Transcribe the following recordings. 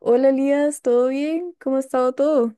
Hola Elías, ¿todo bien? ¿Cómo ha estado todo?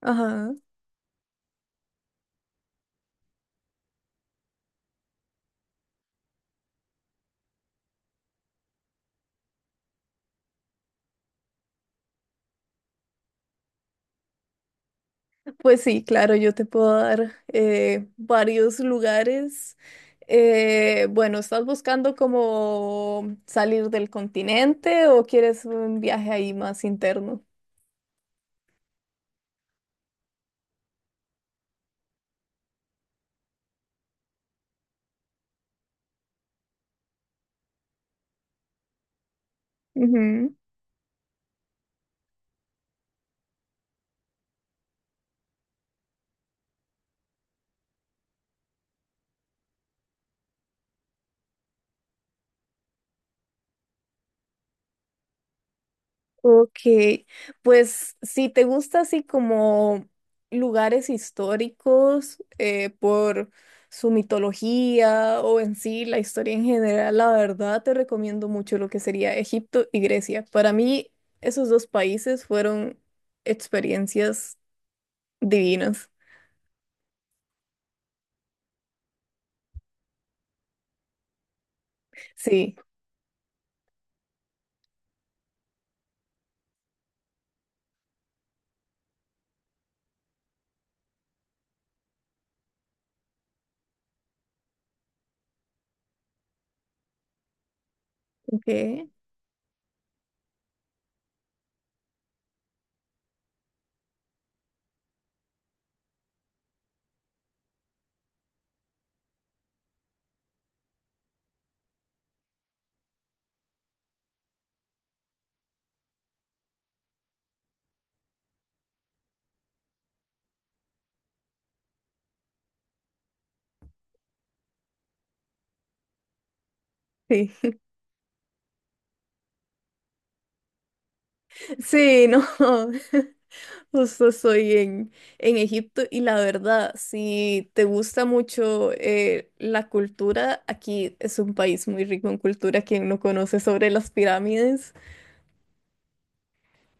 Ajá. Pues sí, claro, yo te puedo dar varios lugares. Bueno, ¿estás buscando como salir del continente o quieres un viaje ahí más interno? Ok, pues si te gusta así como lugares históricos por su mitología o en sí la historia en general, la verdad te recomiendo mucho lo que sería Egipto y Grecia. Para mí esos dos países fueron experiencias divinas. Sí, ok, sí. Sí, no. Justo estoy en Egipto y la verdad, si te gusta mucho la cultura, aquí es un país muy rico en cultura, quien no conoce sobre las pirámides.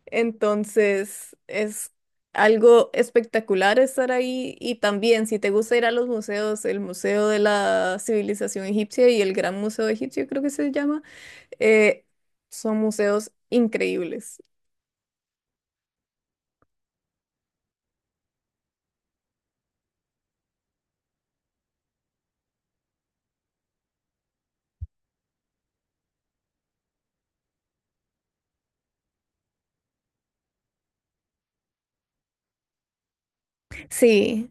Entonces, es algo espectacular estar ahí y también si te gusta ir a los museos, el Museo de la Civilización Egipcia y el Gran Museo Egipcio, creo que se llama, eh, son museos increíbles. Sí.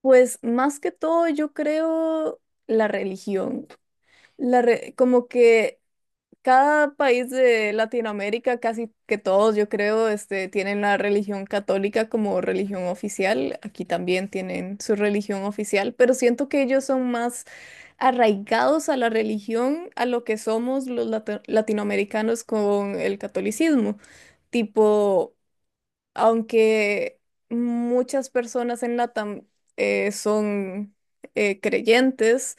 Pues más que todo yo creo la religión. La re- como que cada país de Latinoamérica, casi que todos yo creo, este, tienen la religión católica como religión oficial. Aquí también tienen su religión oficial, pero siento que ellos son más arraigados a la religión, a lo que somos los lati- latinoamericanos con el catolicismo. Tipo aunque muchas personas en LATAM son creyentes,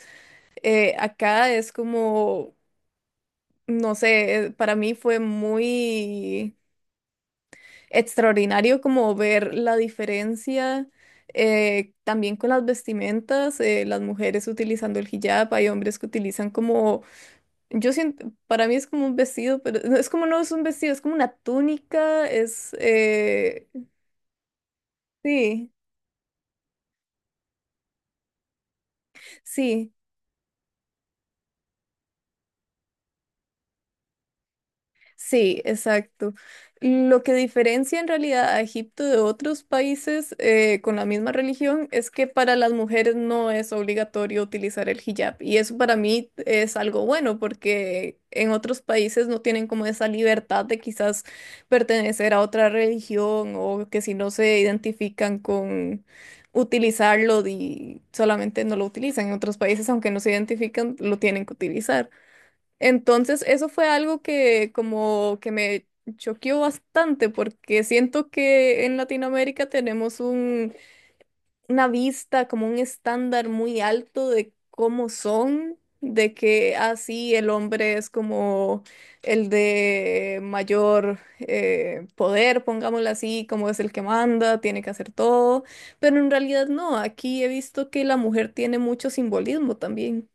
acá es como, no sé, para mí fue muy extraordinario como ver la diferencia. Eh, también con las vestimentas, las mujeres utilizando el hijab, hay hombres que utilizan como, yo siento, para mí es como un vestido, pero no, es como no es un vestido, es como una túnica, es, sí, sí, Sí, exacto. Lo que diferencia en realidad a Egipto de otros países con la misma religión es que para las mujeres no es obligatorio utilizar el hijab. Y eso para mí es algo bueno porque en otros países no tienen como esa libertad de quizás pertenecer a otra religión o que si no se identifican con utilizarlo y solamente no lo utilizan. En otros países, aunque no se identifican, lo tienen que utilizar. Entonces, eso fue algo que como que me choqueó bastante porque siento que en Latinoamérica tenemos una vista, como un estándar muy alto de cómo son, de que así el hombre es como el de mayor poder, pongámoslo así, como es el que manda, tiene que hacer todo, pero en realidad no, aquí he visto que la mujer tiene mucho simbolismo también.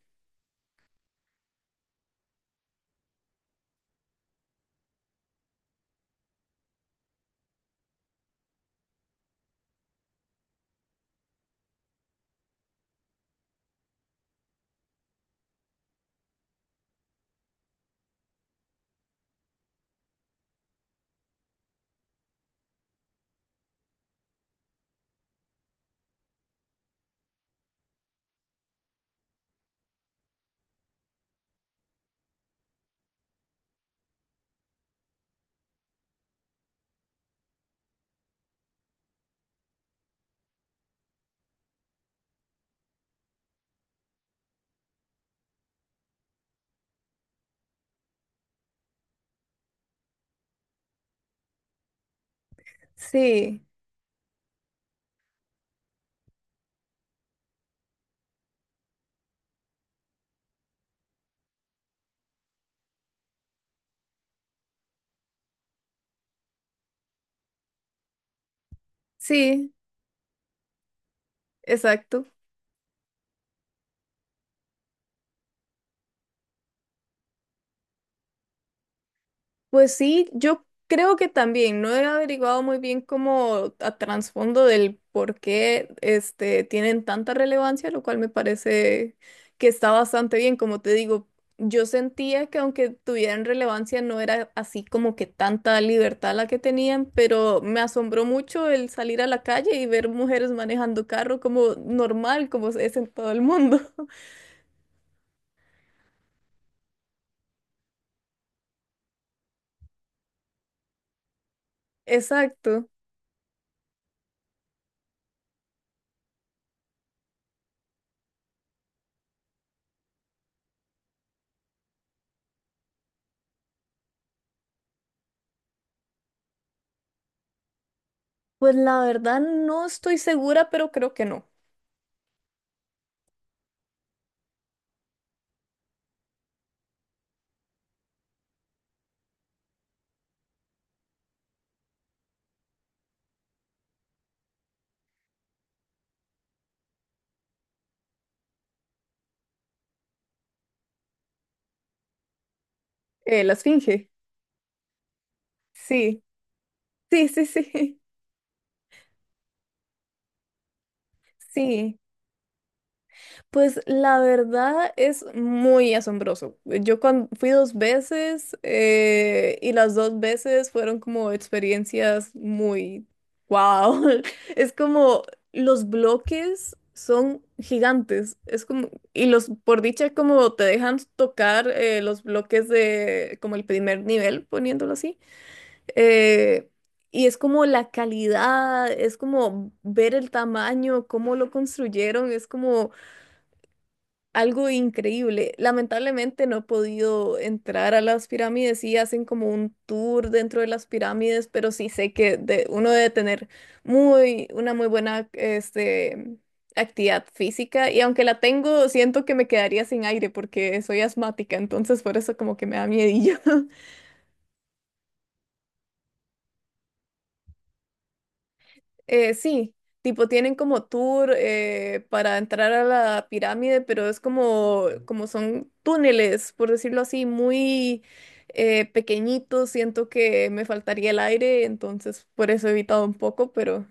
Sí, sí, exacto. Pues sí, yo creo que también no he averiguado muy bien como a trasfondo del por qué este, tienen tanta relevancia, lo cual me parece que está bastante bien. Como te digo, yo sentía que aunque tuvieran relevancia no era así como que tanta libertad la que tenían, pero me asombró mucho el salir a la calle y ver mujeres manejando carro como normal, como es en todo el mundo. Exacto. Pues la verdad no estoy segura, pero creo que no. La esfinge. Sí, sí, sí, sí. Sí, pues la verdad es muy asombroso. Yo cuan- fui dos veces y las dos veces fueron como experiencias muy wow. Es como los bloques son gigantes. Es como, y los, por dicha, como te dejan tocar los bloques de como el primer nivel, poniéndolo así. Eh, y es como la calidad, es como ver el tamaño, cómo lo construyeron, es como algo increíble. Lamentablemente no he podido entrar a las pirámides y hacen como un tour dentro de las pirámides, pero sí sé que de- uno debe tener muy, una muy buena este, actividad física y aunque la tengo, siento que me quedaría sin aire porque soy asmática, entonces por eso como que me da miedillo. Sí, tipo tienen como tour para entrar a la pirámide, pero es como, como son túneles, por decirlo así, muy pequeñitos. Siento que me faltaría el aire, entonces por eso he evitado un poco, pero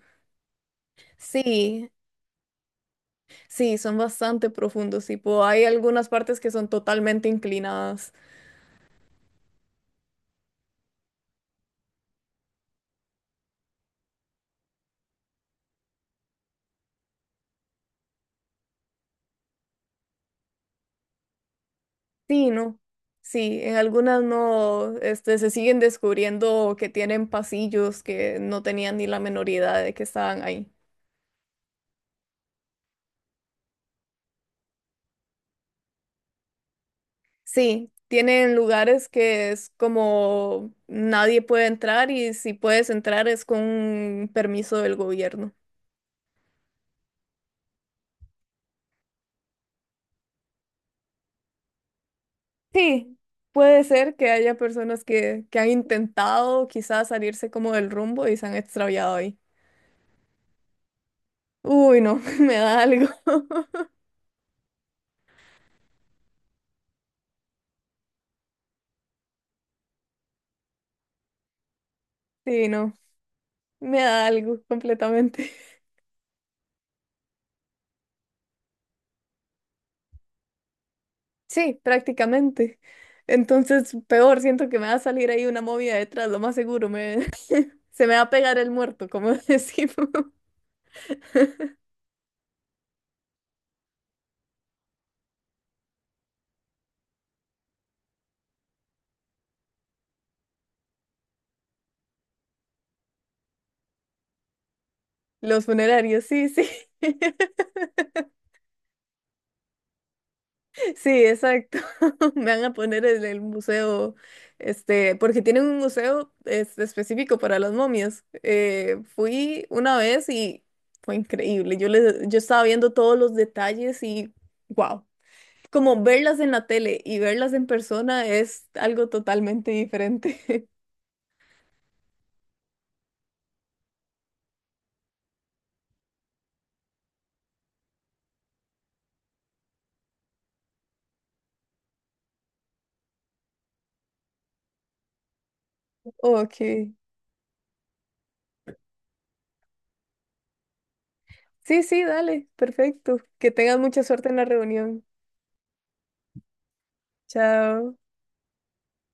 sí, sí, son bastante profundos. Tipo, hay algunas partes que son totalmente inclinadas. Sí, no. Sí, en algunas no, este, se siguen descubriendo que tienen pasillos que no tenían ni la menor idea de que estaban ahí. Sí, tienen lugares que es como nadie puede entrar y si puedes entrar es con un permiso del gobierno. Sí, puede ser que haya personas que han intentado quizás salirse como del rumbo y se han extraviado ahí. Uy, no, me da algo. Sí, no, me da algo completamente. Sí, prácticamente. Entonces, peor, siento que me va a salir ahí una movida detrás, lo más seguro, me, se me va a pegar el muerto, como decimos. Los funerarios, sí, sí. Sí, exacto. Me van a poner en el museo, este, porque tienen un museo este, específico para las momias. Fui una vez y fue increíble. Yo les, yo estaba viendo todos los detalles y wow. Como verlas en la tele y verlas en persona es algo totalmente diferente. Ok. Sí, sí, dale. Perfecto. Que tengas mucha suerte en la reunión. Chao.